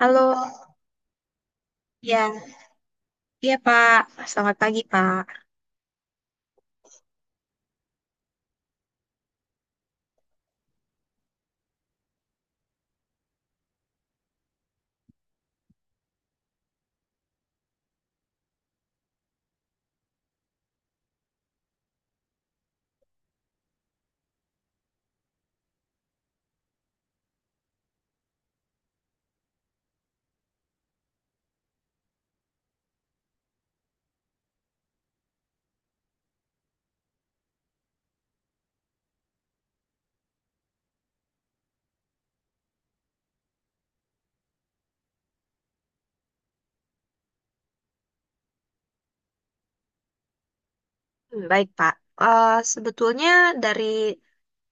Halo, ya, iya Pak. Selamat pagi Pak. Hmm, Baik, Pak. Sebetulnya dari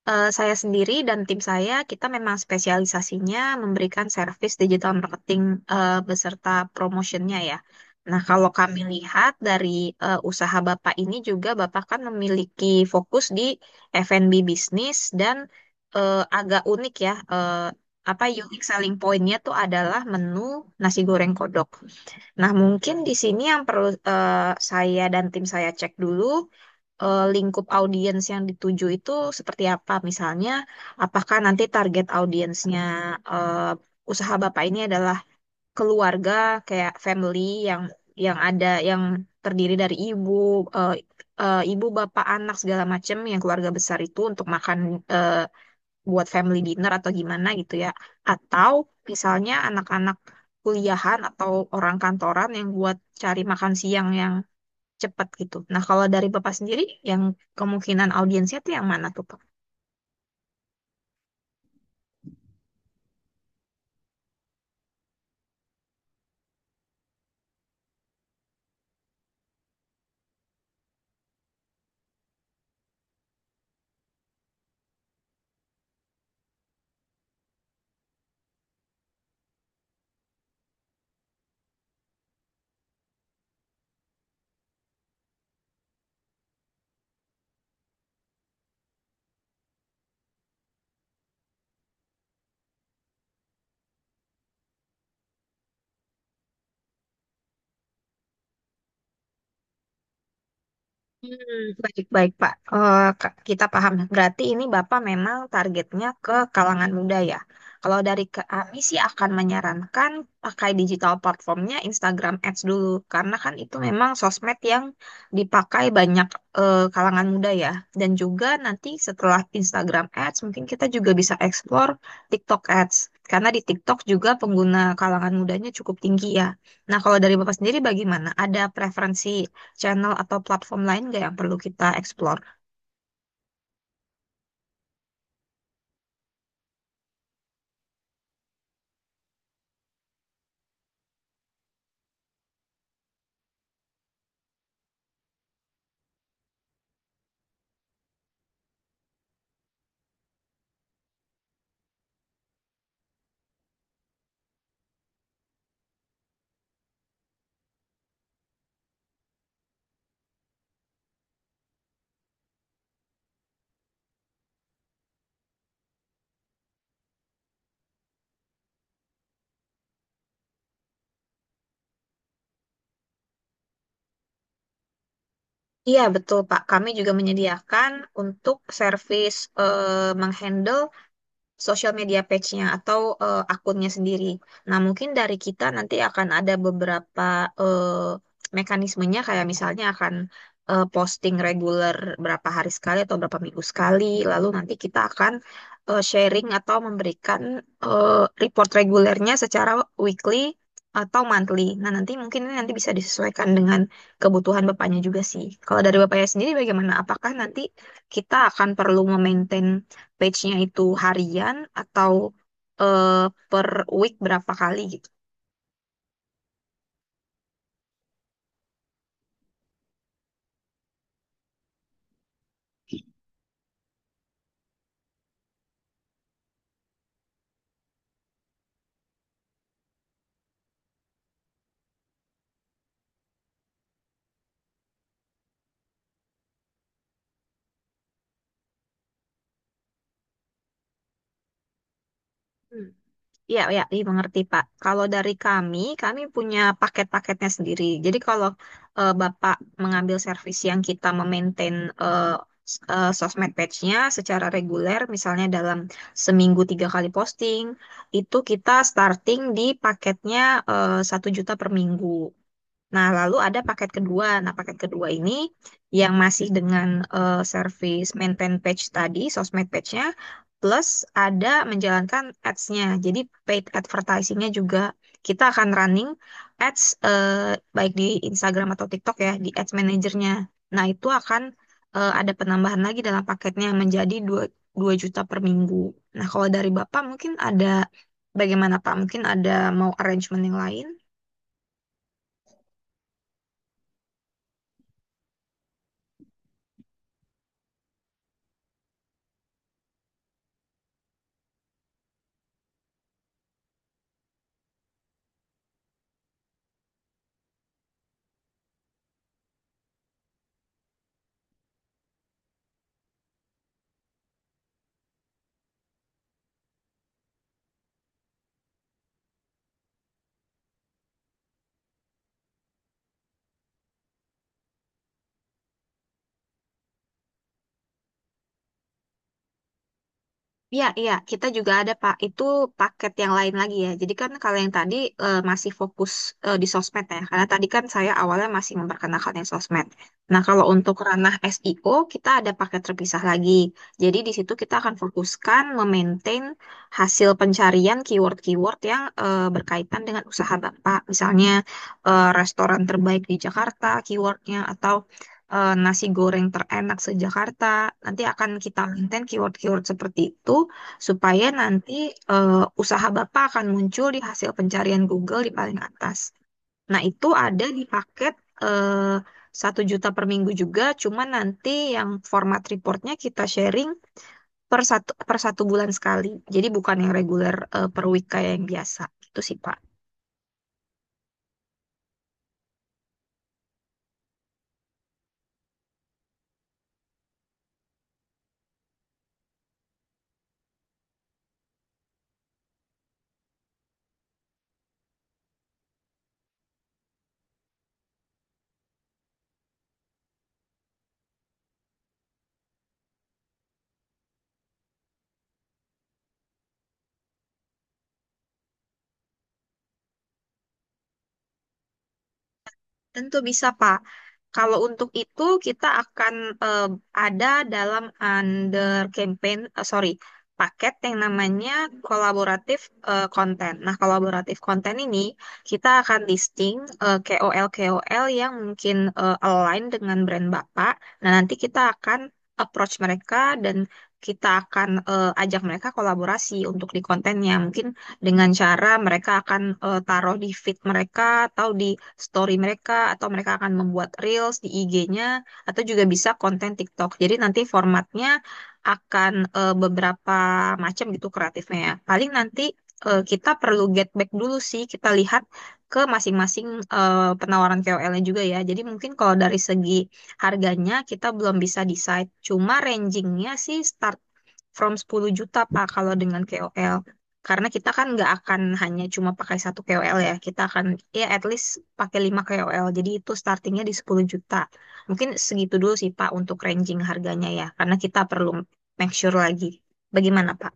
saya sendiri dan tim saya, kita memang spesialisasinya memberikan servis digital marketing beserta promotionnya ya. Nah, kalau kami lihat dari usaha Bapak ini juga, Bapak kan memiliki fokus di F&B bisnis dan agak unik ya. Apa unique selling point-nya tuh adalah menu nasi goreng kodok. Nah, mungkin di sini yang perlu saya dan tim saya cek dulu lingkup audiens yang dituju itu seperti apa. Misalnya, apakah nanti target audiensnya eh, usaha Bapak ini adalah keluarga, kayak family yang yang ada yang terdiri dari eh, ibu, bapak, anak segala macam yang keluarga besar itu untuk makan eh, buat family dinner atau gimana gitu ya. Atau misalnya anak-anak kuliahan atau orang kantoran yang buat cari makan siang yang cepat gitu. Nah, kalau dari Bapak sendiri yang kemungkinan audiensnya tuh yang mana tuh, Pak? Hmm, Baik-baik, Pak. Kak, kita paham. Berarti ini Bapak memang targetnya ke kalangan muda ya. Kalau dari kami sih akan menyarankan pakai digital platformnya Instagram Ads dulu. Karena kan itu memang sosmed yang dipakai banyak kalangan muda ya. Dan juga nanti setelah Instagram Ads mungkin kita juga bisa explore TikTok Ads. Karena di TikTok juga pengguna kalangan mudanya cukup tinggi ya. Nah, kalau dari Bapak sendiri bagaimana? Ada preferensi channel atau platform lain nggak yang perlu kita explore? Iya, betul, Pak. Kami juga menyediakan untuk servis menghandle social media page-nya atau akunnya sendiri. Nah, mungkin dari kita nanti akan ada beberapa eh, mekanismenya, kayak misalnya akan posting reguler berapa hari sekali atau berapa minggu sekali. Lalu nanti kita akan sharing atau memberikan report regulernya secara weekly atau monthly. Nah, nanti mungkin ini nanti bisa disesuaikan dengan kebutuhan bapaknya juga sih. Kalau dari bapaknya sendiri bagaimana? Apakah nanti kita akan perlu memaintain page-nya itu harian atau eh, per week berapa kali gitu. Hmm. Iya, ya, dimengerti, Pak. Kalau dari kami, kami punya paket-paketnya sendiri. Jadi kalau Bapak mengambil servis yang kita memaintain eh, sosmed page-nya secara reguler, misalnya dalam seminggu tiga kali posting, itu kita starting di paketnya 1 juta per minggu. Nah, lalu ada paket kedua. Nah, paket kedua ini yang masih dengan service maintain page tadi, sosmed page-nya, plus ada menjalankan ads-nya. Jadi paid advertising-nya juga kita akan running ads baik di Instagram atau TikTok ya, di ads manajernya. Nah, itu akan ada penambahan lagi dalam paketnya menjadi 2 2 juta per minggu. Nah, kalau dari Bapak mungkin ada, bagaimana Pak? Mungkin ada mau arrangement yang lain? Iya, iya, kita juga ada Pak. Itu paket yang lain lagi ya. Jadi kan kalau yang tadi masih fokus di sosmed ya, karena tadi kan saya awalnya masih memperkenalkan yang sosmed. Nah, kalau untuk ranah SEO, kita ada paket terpisah lagi. Jadi di situ kita akan fokuskan memaintain hasil pencarian keyword-keyword yang berkaitan dengan usaha Bapak. Misalnya restoran terbaik di Jakarta, keywordnya, atau nasi goreng terenak se-Jakarta. Nanti akan kita maintain keyword-keyword seperti itu supaya nanti usaha Bapak akan muncul di hasil pencarian Google di paling atas. Nah, itu ada di paket eh, 1 juta per minggu juga, cuman nanti yang format reportnya kita sharing per satu bulan sekali. Jadi bukan yang reguler per week kayak yang biasa. Itu sih, Pak. Tentu bisa, Pak. Kalau untuk itu kita akan eh, ada dalam under campaign, eh, sorry, paket yang namanya kolaboratif konten. Nah, kolaboratif konten ini kita akan listing KOL-KOL yang mungkin align dengan brand Bapak. Nah, nanti kita akan approach mereka dan kita akan ajak mereka kolaborasi untuk di kontennya. Mungkin dengan cara mereka akan taruh di feed mereka atau di story mereka atau mereka akan membuat reels di IG-nya atau juga bisa konten TikTok. Jadi nanti formatnya akan beberapa macam gitu kreatifnya ya. Paling nanti kita perlu get back dulu sih, kita lihat ke masing-masing penawaran KOL-nya juga ya. Jadi mungkin kalau dari segi harganya kita belum bisa decide. Cuma rangingnya sih start from 10 juta Pak kalau dengan KOL. Karena kita kan nggak akan hanya cuma pakai satu KOL ya. Kita akan, ya, at least pakai 5 KOL. Jadi itu startingnya di 10 juta. Mungkin segitu dulu sih Pak untuk ranging harganya ya. Karena kita perlu make sure lagi. Bagaimana Pak?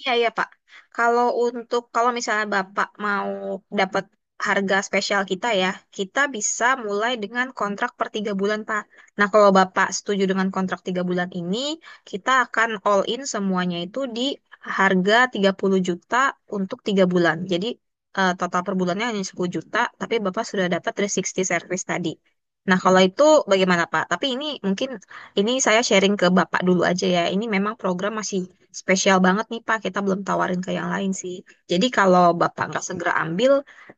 Iya, iya, Pak. Kalau misalnya Bapak mau dapat harga spesial kita ya, kita bisa mulai dengan kontrak per 3 bulan, Pak. Nah, kalau Bapak setuju dengan kontrak 3 bulan ini, kita akan all in semuanya itu di harga 30 juta untuk 3 bulan. Jadi total per bulannya hanya 10 juta, tapi Bapak sudah dapat 360 service tadi. Nah, kalau itu bagaimana, Pak? Tapi ini mungkin ini saya sharing ke Bapak dulu aja ya. Ini memang program masih spesial banget nih Pak, kita belum tawarin ke yang lain sih. Jadi kalau Bapak nggak segera ambil,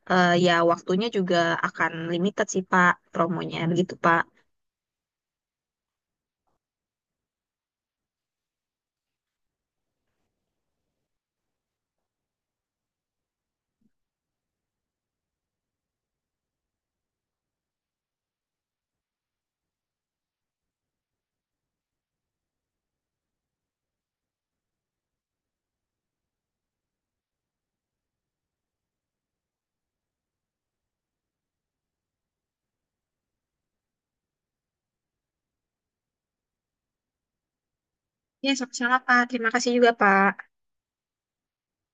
ya waktunya juga akan limited sih Pak, promonya begitu Pak. Ya, sama-sama Pak. Terima kasih juga Pak.